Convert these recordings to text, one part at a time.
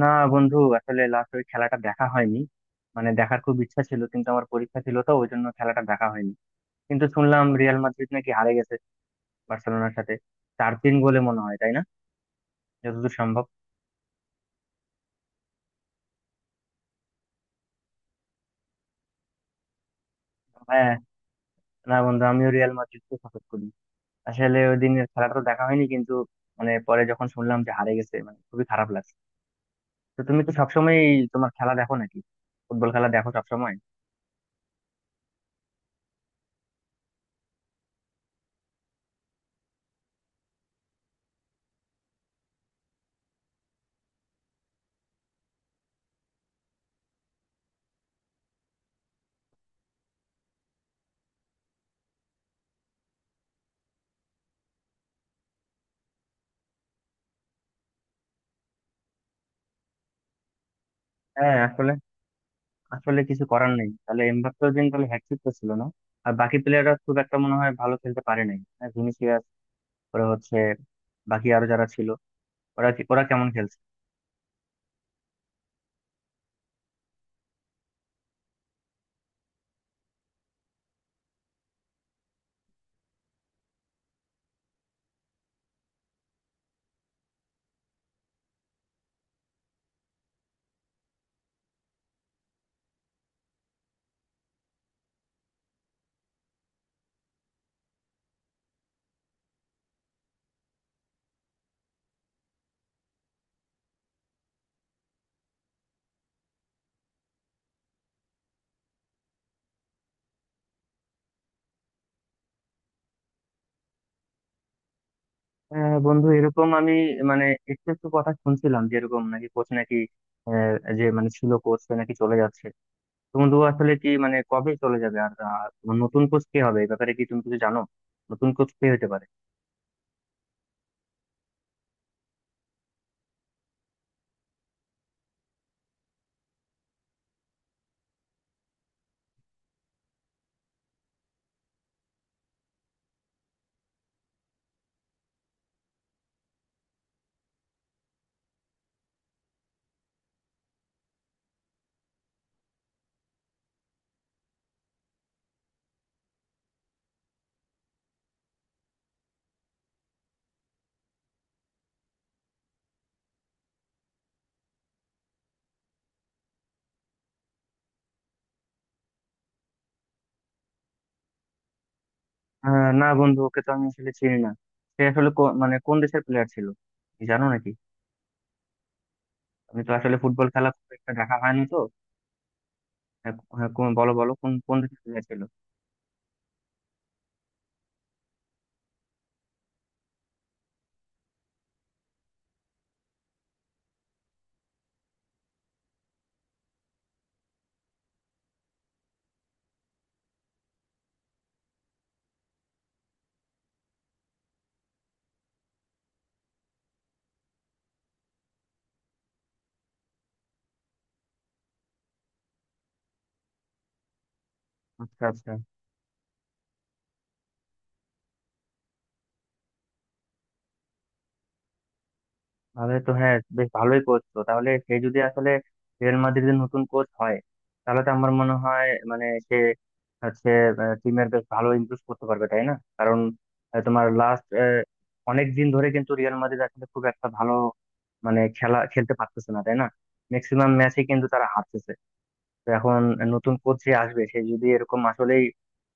না, বন্ধু আসলে লাস্ট ওই খেলাটা দেখা হয়নি। মানে দেখার খুব ইচ্ছা ছিল কিন্তু আমার পরীক্ষা ছিল, তো ওই জন্য খেলাটা দেখা হয়নি। কিন্তু শুনলাম রিয়াল মাদ্রিদ নাকি হারে গেছে বার্সেলোনার সাথে, 4-3 গোলে মনে হয়, তাই না? যতদূর সম্ভব। হ্যাঁ, না বন্ধু, আমিও রিয়াল মাদ্রিদকে সাপোর্ট করি। আসলে ওই দিনের খেলাটা তো দেখা হয়নি, কিন্তু মানে পরে যখন শুনলাম যে হারে গেছে, মানে খুবই খারাপ লাগছে। তো তুমি তো সবসময় তোমার খেলা দেখো নাকি, ফুটবল খেলা দেখো সবসময়? হ্যাঁ, আসলে আসলে কিছু করার নেই। তাহলে এমবাপ্পেও দিন তাহলে হ্যাটট্রিক তো ছিল না। আর বাকি প্লেয়াররা খুব একটা মনে হয় ভালো খেলতে পারে নাই। হ্যাঁ, ভিনিসিয়াস, ওরা হচ্ছে, বাকি আরো যারা ছিল, ওরা কেমন খেলছে? বন্ধু এরকম আমি, মানে, একটু একটু কথা শুনছিলাম যে এরকম নাকি কোচ নাকি, যে মানে ছিল কোচ নাকি চলে যাচ্ছে। তো বন্ধু আসলে কি, মানে কবে চলে যাবে আর, আর তোমার নতুন কোচ কে হবে এই ব্যাপারে কি তুমি কিছু জানো? নতুন কোচ কে হতে পারে? না বন্ধু, ওকে তো আমি আসলে চিনি না। সে আসলে মানে কোন দেশের প্লেয়ার ছিল কি জানো নাকি? আমি তো আসলে ফুটবল খেলা খুব একটা দেখা হয়নি তো। হ্যাঁ, হ্যাঁ, বলো বলো কোন কোন দেশে খেলেছিল? আচ্ছা, আচ্ছা। তাহলে তো হ্যাঁ, বেশ ভালোই কোচ তো। তাহলে সে যদি আসলে রিয়াল মাদ্রিদের নতুন কোচ হয়, তাহলে তো আমার মনে হয় মানে সে হচ্ছে টিমের বেশ ভালো ইমপ্রুভ করতে পারবে, তাই না? কারণ তোমার লাস্ট অনেক দিন ধরে কিন্তু রিয়াল মাদ্রিদ আসলে খুব একটা ভালো মানে খেলা খেলতে পারতেছে না, তাই না? ম্যাক্সিমাম ম্যাচে কিন্তু তারা হারতেছে। তো এখন নতুন কোচ যে আসবে, সে যদি এরকম আসলেই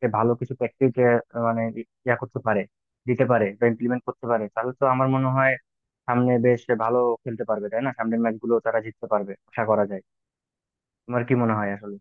সে ভালো কিছু প্র্যাকটিস, মানে ইয়া করতে পারে, দিতে পারে, বা ইমপ্লিমেন্ট করতে পারে, তাহলে তো আমার মনে হয় সামনে বেশ ভালো খেলতে পারবে, তাই না? সামনের ম্যাচগুলো তারা জিততে পারবে আশা করা যায়। তোমার কি মনে হয় আসলে?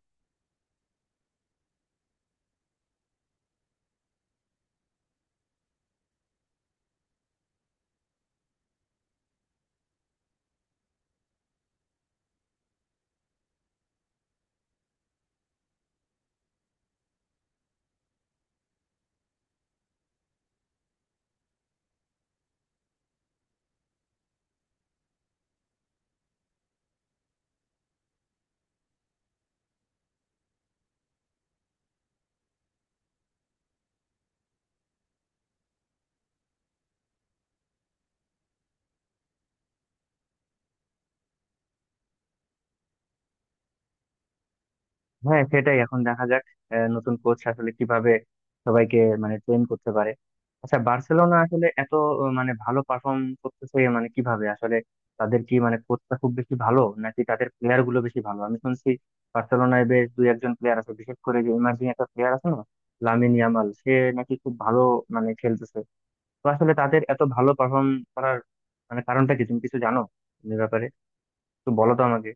হ্যাঁ, সেটাই, এখন দেখা যাক নতুন কোচ আসলে কিভাবে সবাইকে মানে ট্রেন করতে পারে। আচ্ছা, বার্সেলোনা আসলে এত মানে ভালো পারফর্ম করতেছে, মানে কিভাবে আসলে? তাদের কি মানে কোচটা খুব বেশি ভালো নাকি তাদের প্লেয়ার গুলো বেশি ভালো? আমি শুনছি বার্সেলোনায় বেশ দুই একজন প্লেয়ার আছে, বিশেষ করে যে ইমার্জিং একটা প্লেয়ার আছে না, লামিন ইয়ামাল, সে নাকি খুব ভালো মানে খেলতেছে। তো আসলে তাদের এত ভালো পারফর্ম করার মানে কারণটা কি তুমি কিছু জানো এই ব্যাপারে? একটু বলো তো আমাকে।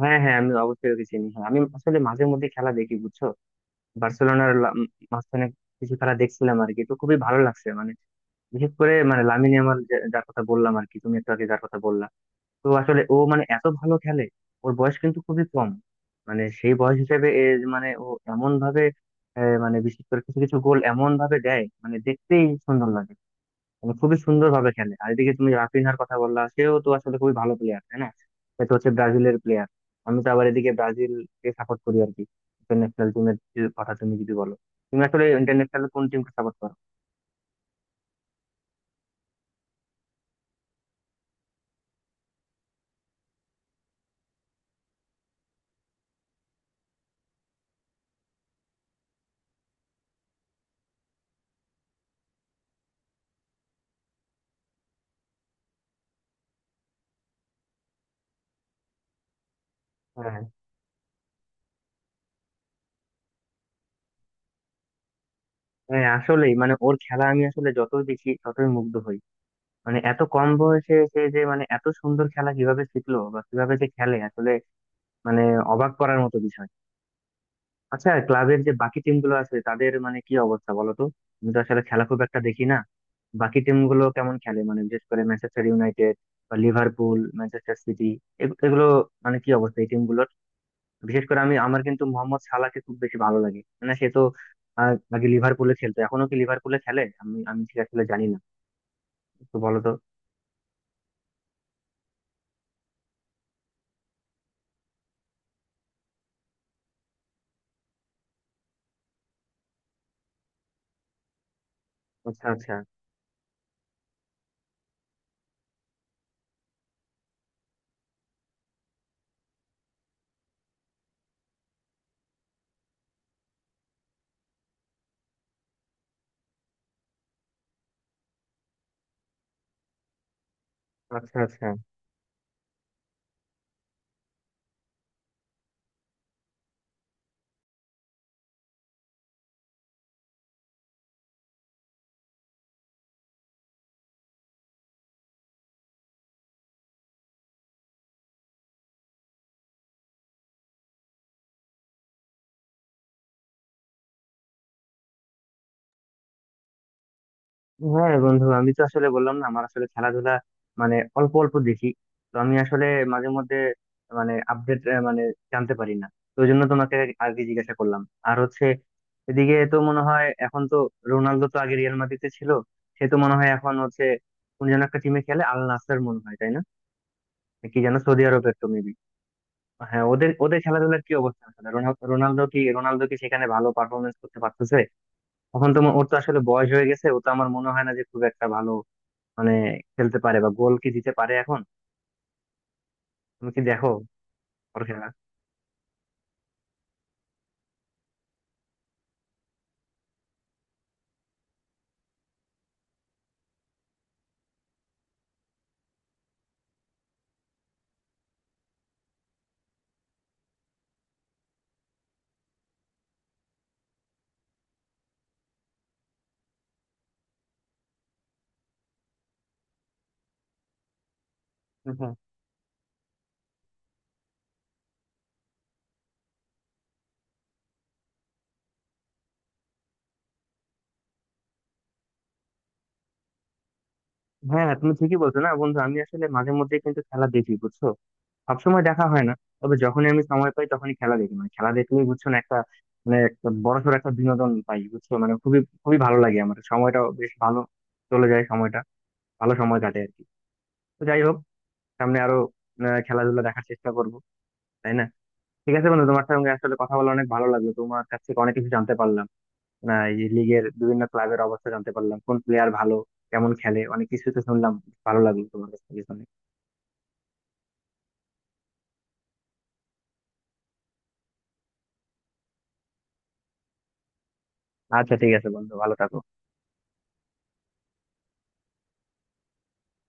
হ্যাঁ, হ্যাঁ, আমি অবশ্যই ওকে চিনি। হ্যাঁ, আমি আসলে মাঝে মধ্যে খেলা দেখি বুঝছো। বার্সেলোনার লা- উম মাঝখানে কিছু খেলা দেখছিলাম আর কি। তো খুবই ভালো লাগছে, মানে বিশেষ করে মানে লামিনে আমার, যার কথা বললাম আর কি, তুমি একটু আগে যার কথা বললা। তো আসলে ও মানে এত ভালো খেলে, ওর বয়স কিন্তু খুবই কম। মানে সেই বয়স হিসেবে এ যে মানে ও এমন ভাবে, মানে বিশেষ করে কিছু কিছু গোল এমন ভাবে দেয় মানে দেখতেই সুন্দর লাগে। মানে খুবই সুন্দর ভাবে খেলে। আর এদিকে তুমি রাফিনহার কথা বললা, সেও তো আসলে খুবই ভালো প্লেয়ার, তাই না? সে তো হচ্ছে ব্রাজিলের প্লেয়ার। আমি তো আবার এদিকে ব্রাজিলকে সাপোর্ট করি আর কি। ইন্টারন্যাশনাল টিমের কথা তুমি যদি বলো, তুমি আসলে ইন্টারন্যাশনাল কোন টিমকে সাপোর্ট করো? হ্যাঁ, হ্যাঁ, আসলেই, মানে ওর খেলা আমি আসলে যতই দেখি ততই মুগ্ধ হই। মানে এত কম বয়সে সে যে মানে এত সুন্দর খেলা কিভাবে শিখলো বা কিভাবে যে খেলে আসলে, মানে অবাক করার মতো বিষয়। আচ্ছা, ক্লাবের যে বাকি টিম গুলো আছে তাদের মানে কি অবস্থা বলো তো। আমি তো আসলে খেলা খুব একটা দেখি না। বাকি টিম গুলো কেমন খেলে, মানে বিশেষ করে ম্যানচেস্টার ইউনাইটেড বা লিভারপুল, ম্যানচেস্টার সিটি, এগুলো মানে কি অবস্থা এই টিম গুলোর? বিশেষ করে আমি, আমার কিন্তু মোহাম্মদ সালাহকে খুব বেশি ভালো লাগে। মানে সে তো আগে লিভারপুলে খেলতো, এখনো কি লিভারপুলে খেলে? আমি আমি ঠিক আসলে জানি না। তো বলো তো। আচ্ছা, আচ্ছা। আচ্ছা, আচ্ছা। হ্যাঁ বন্ধু, আমি তো আসলে বললাম না, আমার আসলে খেলাধুলা মানে অল্প অল্প দেখি। তো আমি আসলে মাঝে মধ্যে মানে আপডেট মানে জানতে পারি না। তো ওই জন্য তোমাকে আগে জিজ্ঞাসা করলাম। আর হচ্ছে এদিকে তো মনে হয় এখন তো, রোনালদো তো আগে রিয়াল মাদ্রিদে ছিল, সে তো মনে হয় এখন হচ্ছে কোন যেন একটা টিমে খেলে, আল নাসের মনে হয় তাই না? কি যেন সৌদি আরবের তো, মেবি। হ্যাঁ, ওদের ওদের খেলাধুলার কি অবস্থা আসলে? রোনালদো কি, রোনালদো কি সেখানে ভালো পারফরমেন্স করতে পারতেছে? এখন তো ওর তো আসলে বয়স হয়ে গেছে, ও তো আমার মনে হয় না যে খুব একটা ভালো মানে খেলতে পারে বা গোল কি দিতে পারে এখন। তুমি কি দেখো ওর খেলা? হ্যাঁ, হ্যাঁ, তুমি ঠিকই বলছো না বন্ধু। আমি আসলে মাঝে মধ্যে কিন্তু খেলা দেখি বুঝছো, সবসময় দেখা হয় না। তবে যখনই আমি সময় পাই তখনই খেলা দেখি। মানে খেলা দেখলেই বুঝছো না, একটা মানে একটা বড়সড় একটা বিনোদন পাই বুঝছো, মানে খুবই খুবই ভালো লাগে আমার। সময়টা বেশ ভালো চলে যায়, সময়টা ভালো সময় কাটে আর কি। তো যাই হোক, সামনে আরো খেলাধুলা দেখার চেষ্টা করবো, তাই না? ঠিক আছে বন্ধু, তোমার সঙ্গে আসলে কথা বলে অনেক ভালো লাগলো, তোমার কাছ থেকে অনেক কিছু জানতে পারলাম। না, এই লিগের বিভিন্ন ক্লাবের অবস্থা জানতে পারলাম, কোন প্লেয়ার ভালো, কেমন খেলে, অনেক কিছু তো শুনলাম। ভালো লাগলো তোমার কাছ থেকে শুনে। আচ্ছা ঠিক আছে বন্ধু, ভালো থাকো।